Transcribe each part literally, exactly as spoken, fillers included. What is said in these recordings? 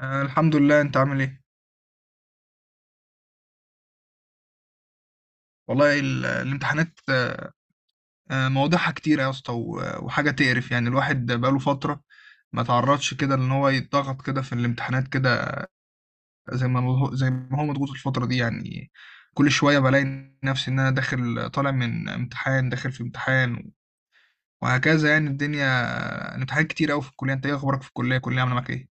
آه، الحمد لله. انت عامل ايه؟ والله، ال- الامتحانات آه مواضيعها كتير يا اسطى، و- وحاجه تقرف. يعني الواحد بقاله فتره ما تعرضش كده ان هو يتضغط كده في الامتحانات كده، زي ما هو زي ما هو مضغوط الفتره دي يعني. كل شويه بلاقي نفسي ان انا داخل طالع من امتحان داخل في امتحان، وهكذا يعني الدنيا. الامتحانات كتير قوي في الكليه. انت ايه اخبارك في الكليه؟ الكليه عامله معاك ايه؟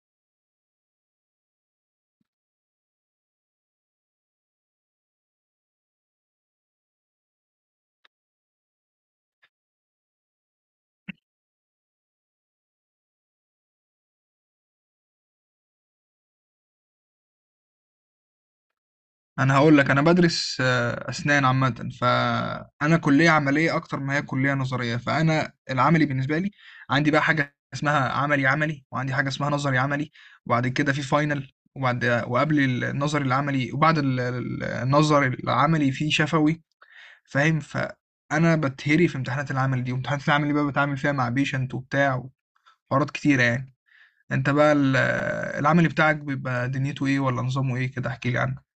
انا هقول لك، انا بدرس آه، اسنان عامه، فانا كليه عمليه اكتر ما هي كليه نظريه. فانا العملي بالنسبه لي عندي بقى حاجه اسمها عملي عملي، وعندي حاجه اسمها نظري عملي، وبعد كده في فاينل، وبعد وقبل النظري العملي وبعد ال- ال- النظري العملي في شفوي، فاهم. فانا بتهري في امتحانات العمل دي، وامتحانات العمل دي بقى بتعامل فيها مع بيشنت وبتاع، وحوارات كتيره يعني. انت بقى ال- العملي بتاعك بيبقى دنيته ايه، ولا نظامه ايه كده؟ احكي لي عنه.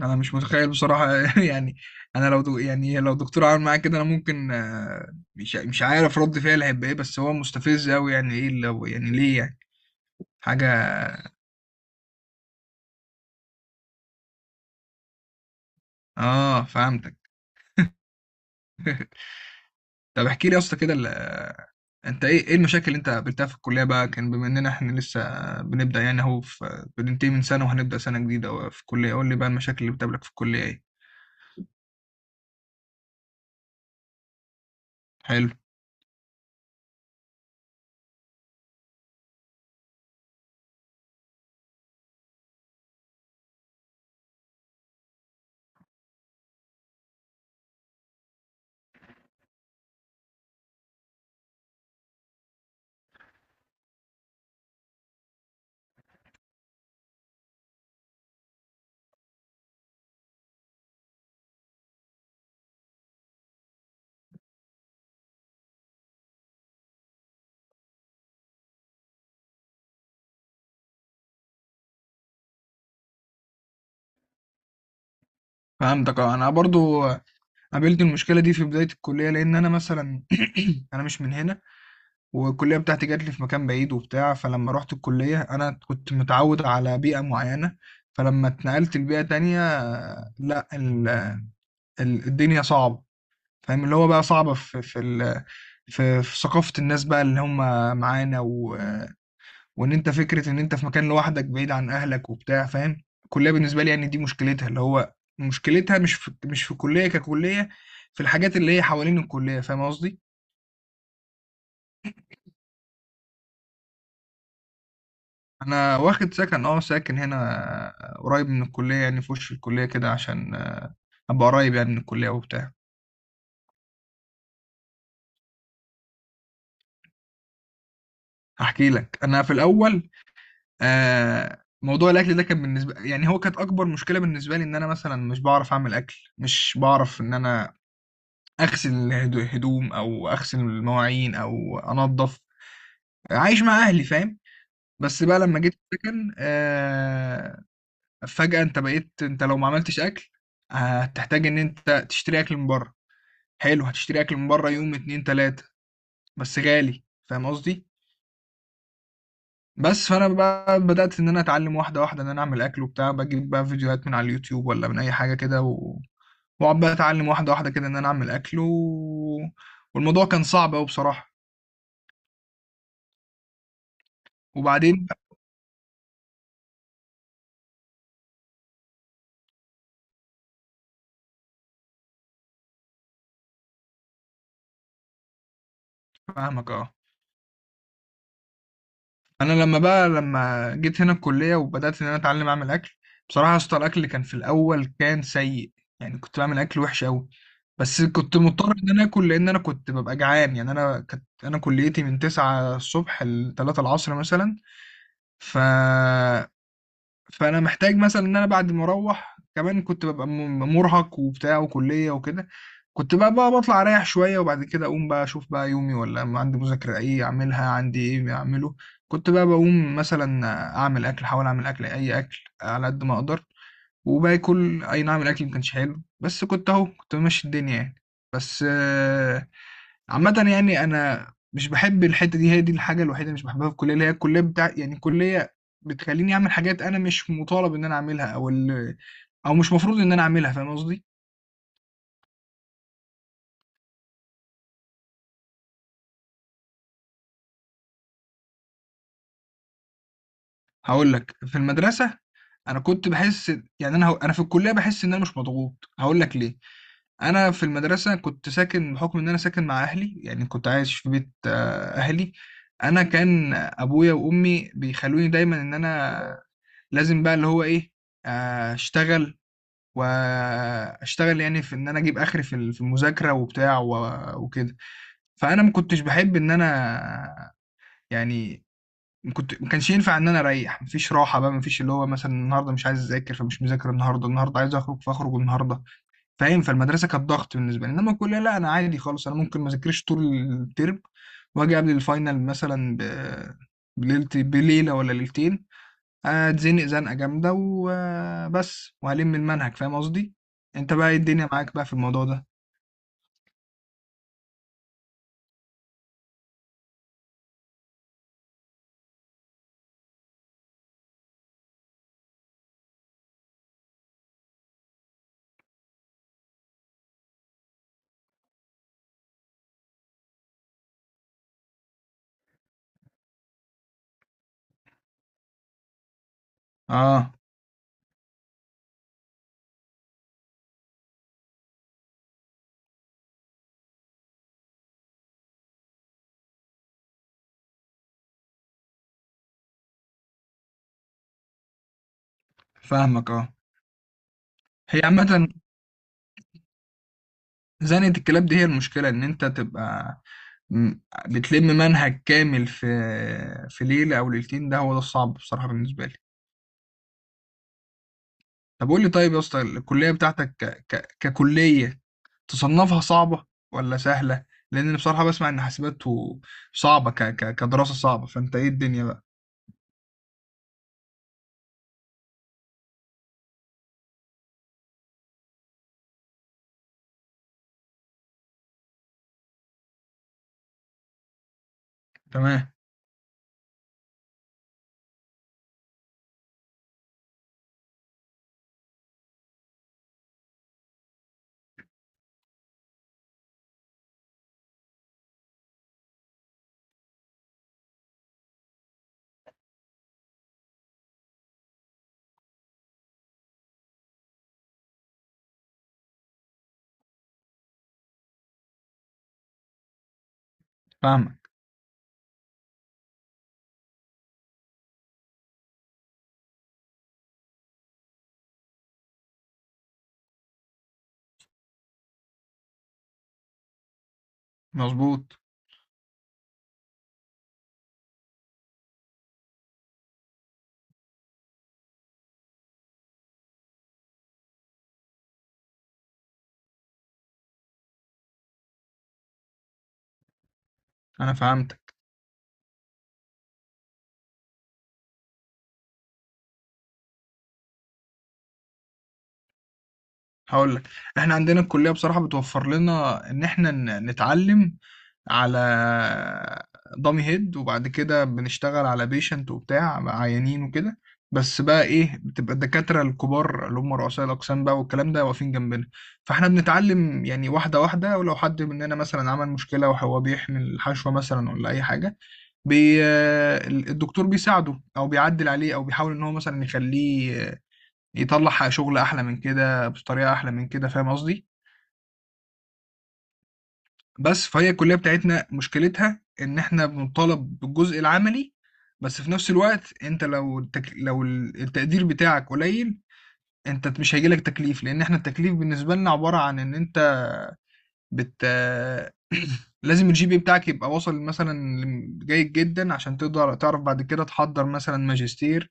انا مش متخيل بصراحه يعني. انا لو دو يعني لو دكتور عمل معايا كده، انا ممكن آه، مش مش عارف رد فعلي هيبقى ايه، بس هو مستفز قوي. يعني ايه اللي هو يعني ليه يعني؟ حاجه. اه، فهمتك. طب احكي لي يا اسطى كده، ال- آه، انت ايه ايه المشاكل اللي انت قابلتها في الكليه بقى، كان بما اننا احنا لسه بنبدا يعني اهو، في بننتهي من سنه وهنبدا سنه جديده في الكليه. قول لي بقى المشاكل اللي بتقابلك في الكليه ايه. حلو. فهمتك، اه. انا برضو قابلت المشكله دي في بدايه الكليه، لان انا مثلا انا مش من هنا، والكلية بتاعتي جات لي في مكان بعيد وبتاع. فلما رحت الكلية، أنا كنت متعود على بيئة معينة، فلما اتنقلت لبيئة تانية، آه، لا، ال- ال- الدنيا صعبة. فاهم، اللي هو بقى صعبة في في ال- في في ثقافة الناس بقى اللي هم معانا، و... وإن أنت فكرة إن أنت في مكان لوحدك بعيد عن أهلك وبتاع، فاهم. الكلية بالنسبة لي يعني دي مشكلتها، اللي هو مشكلتها مش في مش في الكلية ككلية، في الحاجات اللي هي حوالين الكلية. فاهم قصدي؟ انا واخد سكن، اه ساكن هنا. آه، قريب من الكليه يعني، في وش الكليه كده، عشان آه، ابقى قريب يعني من الكليه وبتاع. هحكي لك، انا في الاول آه موضوع الاكل ده كان بالنسبه يعني، هو كانت اكبر مشكله بالنسبه لي، ان انا مثلا مش بعرف اعمل اكل، مش بعرف ان انا اغسل الهدو- الهدوم، او اغسل المواعين، او انظف. عايش مع اهلي فاهم. بس بقى لما جيت السكن آه فجاه، انت بقيت، انت لو ما عملتش اكل آه، هتحتاج ان انت تشتري اكل من بره. حلو، هتشتري اكل من بره يوم اتنين تلاتة، بس غالي. فاهم قصدي؟ بس فانا بقى بدأت ان انا اتعلم واحده واحده ان انا اعمل اكل وبتاع، بجيب بقى فيديوهات من على اليوتيوب، ولا من اي حاجه كده، و... واقعد بقى اتعلم واحده واحده كده، ان انا اعمل اكل، و... والموضوع كان صعب قوي بصراحه. وبعدين، فاهمك اه. انا لما بقى لما جيت هنا الكليه وبدات ان انا اتعلم اعمل اكل، بصراحه يا اسطى الاكل اللي كان في الاول كان سيء، يعني كنت بعمل اكل وحش قوي، بس كنت مضطر ان انا اكل لان انا كنت ببقى جعان. يعني انا كانت انا كليتي من تسعة الصبح ل تلاتة العصر مثلا، ف فانا محتاج مثلا ان انا بعد ما اروح كمان كنت ببقى م- مرهق وبتاع وكليه وكده. كنت بقى بقى بطلع اريح شويه، وبعد كده اقوم بقى اشوف بقى يومي، ولا أما عندي مذاكره ايه اعملها، عندي ايه اعمله. كنت بقى بقوم مثلا اعمل اكل احاول اعمل اكل، اي اكل على قد ما اقدر، وباكل. اي نعم الاكل ما كانش حلو، بس كنت اهو كنت ماشي الدنيا يعني. بس آه، عامه يعني انا مش بحب الحته دي، هي دي الحاجه الوحيده اللي مش بحبها في الكليه، اللي هي الكليه بتاع يعني، الكليه بتخليني اعمل حاجات انا مش مطالب ان انا اعملها، او ال... او مش مفروض ان انا اعملها. فاهم قصدي؟ هقول لك، في المدرسه انا كنت بحس، يعني انا هو- انا في الكليه بحس ان انا مش مضغوط، هقول لك ليه. انا في المدرسه كنت ساكن بحكم ان انا ساكن مع اهلي، يعني كنت عايش في بيت آه، اهلي. انا كان ابويا وامي بيخلوني دايما ان انا لازم بقى اللي هو ايه، آه، اشتغل، واشتغل يعني في ان انا اجيب اخري في ال- في المذاكره وبتاع و- وكده. فانا ما كنتش بحب ان انا يعني، ما كنت ما كانش ينفع ان انا اريح. مفيش راحه بقى، مفيش اللي هو مثلا النهارده مش عايز اذاكر فمش مذاكر النهارده، النهارده عايز اخرج فاخرج النهارده، فاهم. فالمدرسه كانت ضغط بالنسبه لي، انما الكليه لا، انا عادي خالص، انا ممكن ما اذاكرش طول الترم، واجي قبل الفاينل مثلا ب... بليلة بليله ولا ليلتين، اتزنق زنقه جامده وبس، وهلم المنهج. فاهم قصدي؟ انت بقى إيه الدنيا معاك بقى في الموضوع ده؟ اه، فاهمك، اه. هي عامه، زنقة الكلاب دي هي المشكلة، إن أنت تبقى م- بتلم منهج كامل في في ليلة أو ليلتين، ده هو ده الصعب بصراحة بالنسبة لي. طب قول لي، طيب يا اسطى، الكلية بتاعتك ك... ك... ككلية تصنفها صعبة ولا سهلة؟ لأن أنا بصراحة بسمع إن حاسبات و- صعبة، ك... ك... كدراسة صعبة. فأنت إيه الدنيا بقى؟ تمام. فاهمك. مظبوط. أنا فهمتك. هقول لك، احنا عندنا الكلية بصراحة بتوفر لنا ان احنا ن- نتعلم على دامي هيد، وبعد كده بنشتغل على بيشنت وبتاع، عيانين وكده. بس بقى ايه، بتبقى الدكاترة الكبار اللي هم رؤساء الأقسام بقى والكلام ده واقفين جنبنا، فاحنا بنتعلم يعني واحدة واحدة. ولو حد مننا مثلا عمل مشكلة وهو بيحمل الحشوة مثلا ولا أي حاجة، بي... الدكتور بيساعده، أو بيعدل عليه، أو بيحاول إن هو مثلا يخليه يطلع حق شغل احلى من كده، بطريقه احلى من كده. فاهم قصدي؟ بس، فهي الكليه بتاعتنا مشكلتها ان احنا بنطالب بالجزء العملي، بس في نفس الوقت انت لو التك... لو ال- التقدير بتاعك قليل، انت مش هيجيلك تكليف، لان احنا التكليف بالنسبه لنا عباره عن ان انت بت لازم الجي بي بتاعك يبقى واصل مثلا جيد جدا، عشان تقدر تعرف بعد كده تحضر مثلا ماجستير،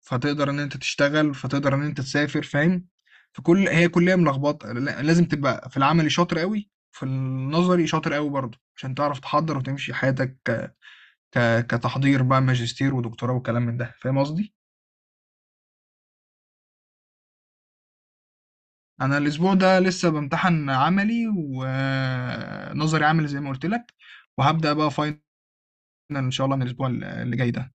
فتقدر ان انت تشتغل، فتقدر ان انت تسافر، فاهم. فكل هي كلية ملخبطة، لا- لازم تبقى في العملي شاطر قوي، في النظري شاطر قوي برضه، عشان تعرف تحضر وتمشي حياتك ك... ك... كتحضير بقى ماجستير ودكتوراه وكلام من ده. فاهم قصدي؟ انا الاسبوع ده لسه بمتحن عملي ونظري عملي زي ما قلت لك، وهبدأ بقى فاينل ان شاء الله من الاسبوع اللي جاي ده.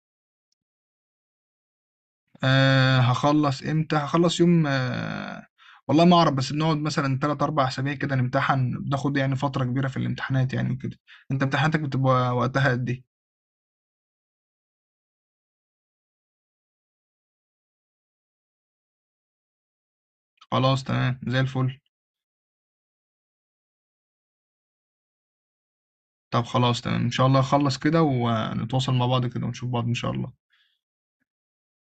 أه هخلص امتى، هخلص يوم أه والله ما اعرف. بس بنقعد مثلا تلات اربعة اسابيع كده نمتحن، بناخد يعني فترة كبيرة في الامتحانات يعني وكده. انت امتحاناتك بتبقى وقتها قد ايه؟ خلاص، تمام، زي الفل. طب خلاص تمام، ان شاء الله اخلص كده ونتواصل مع بعض كده ونشوف بعض ان شاء الله.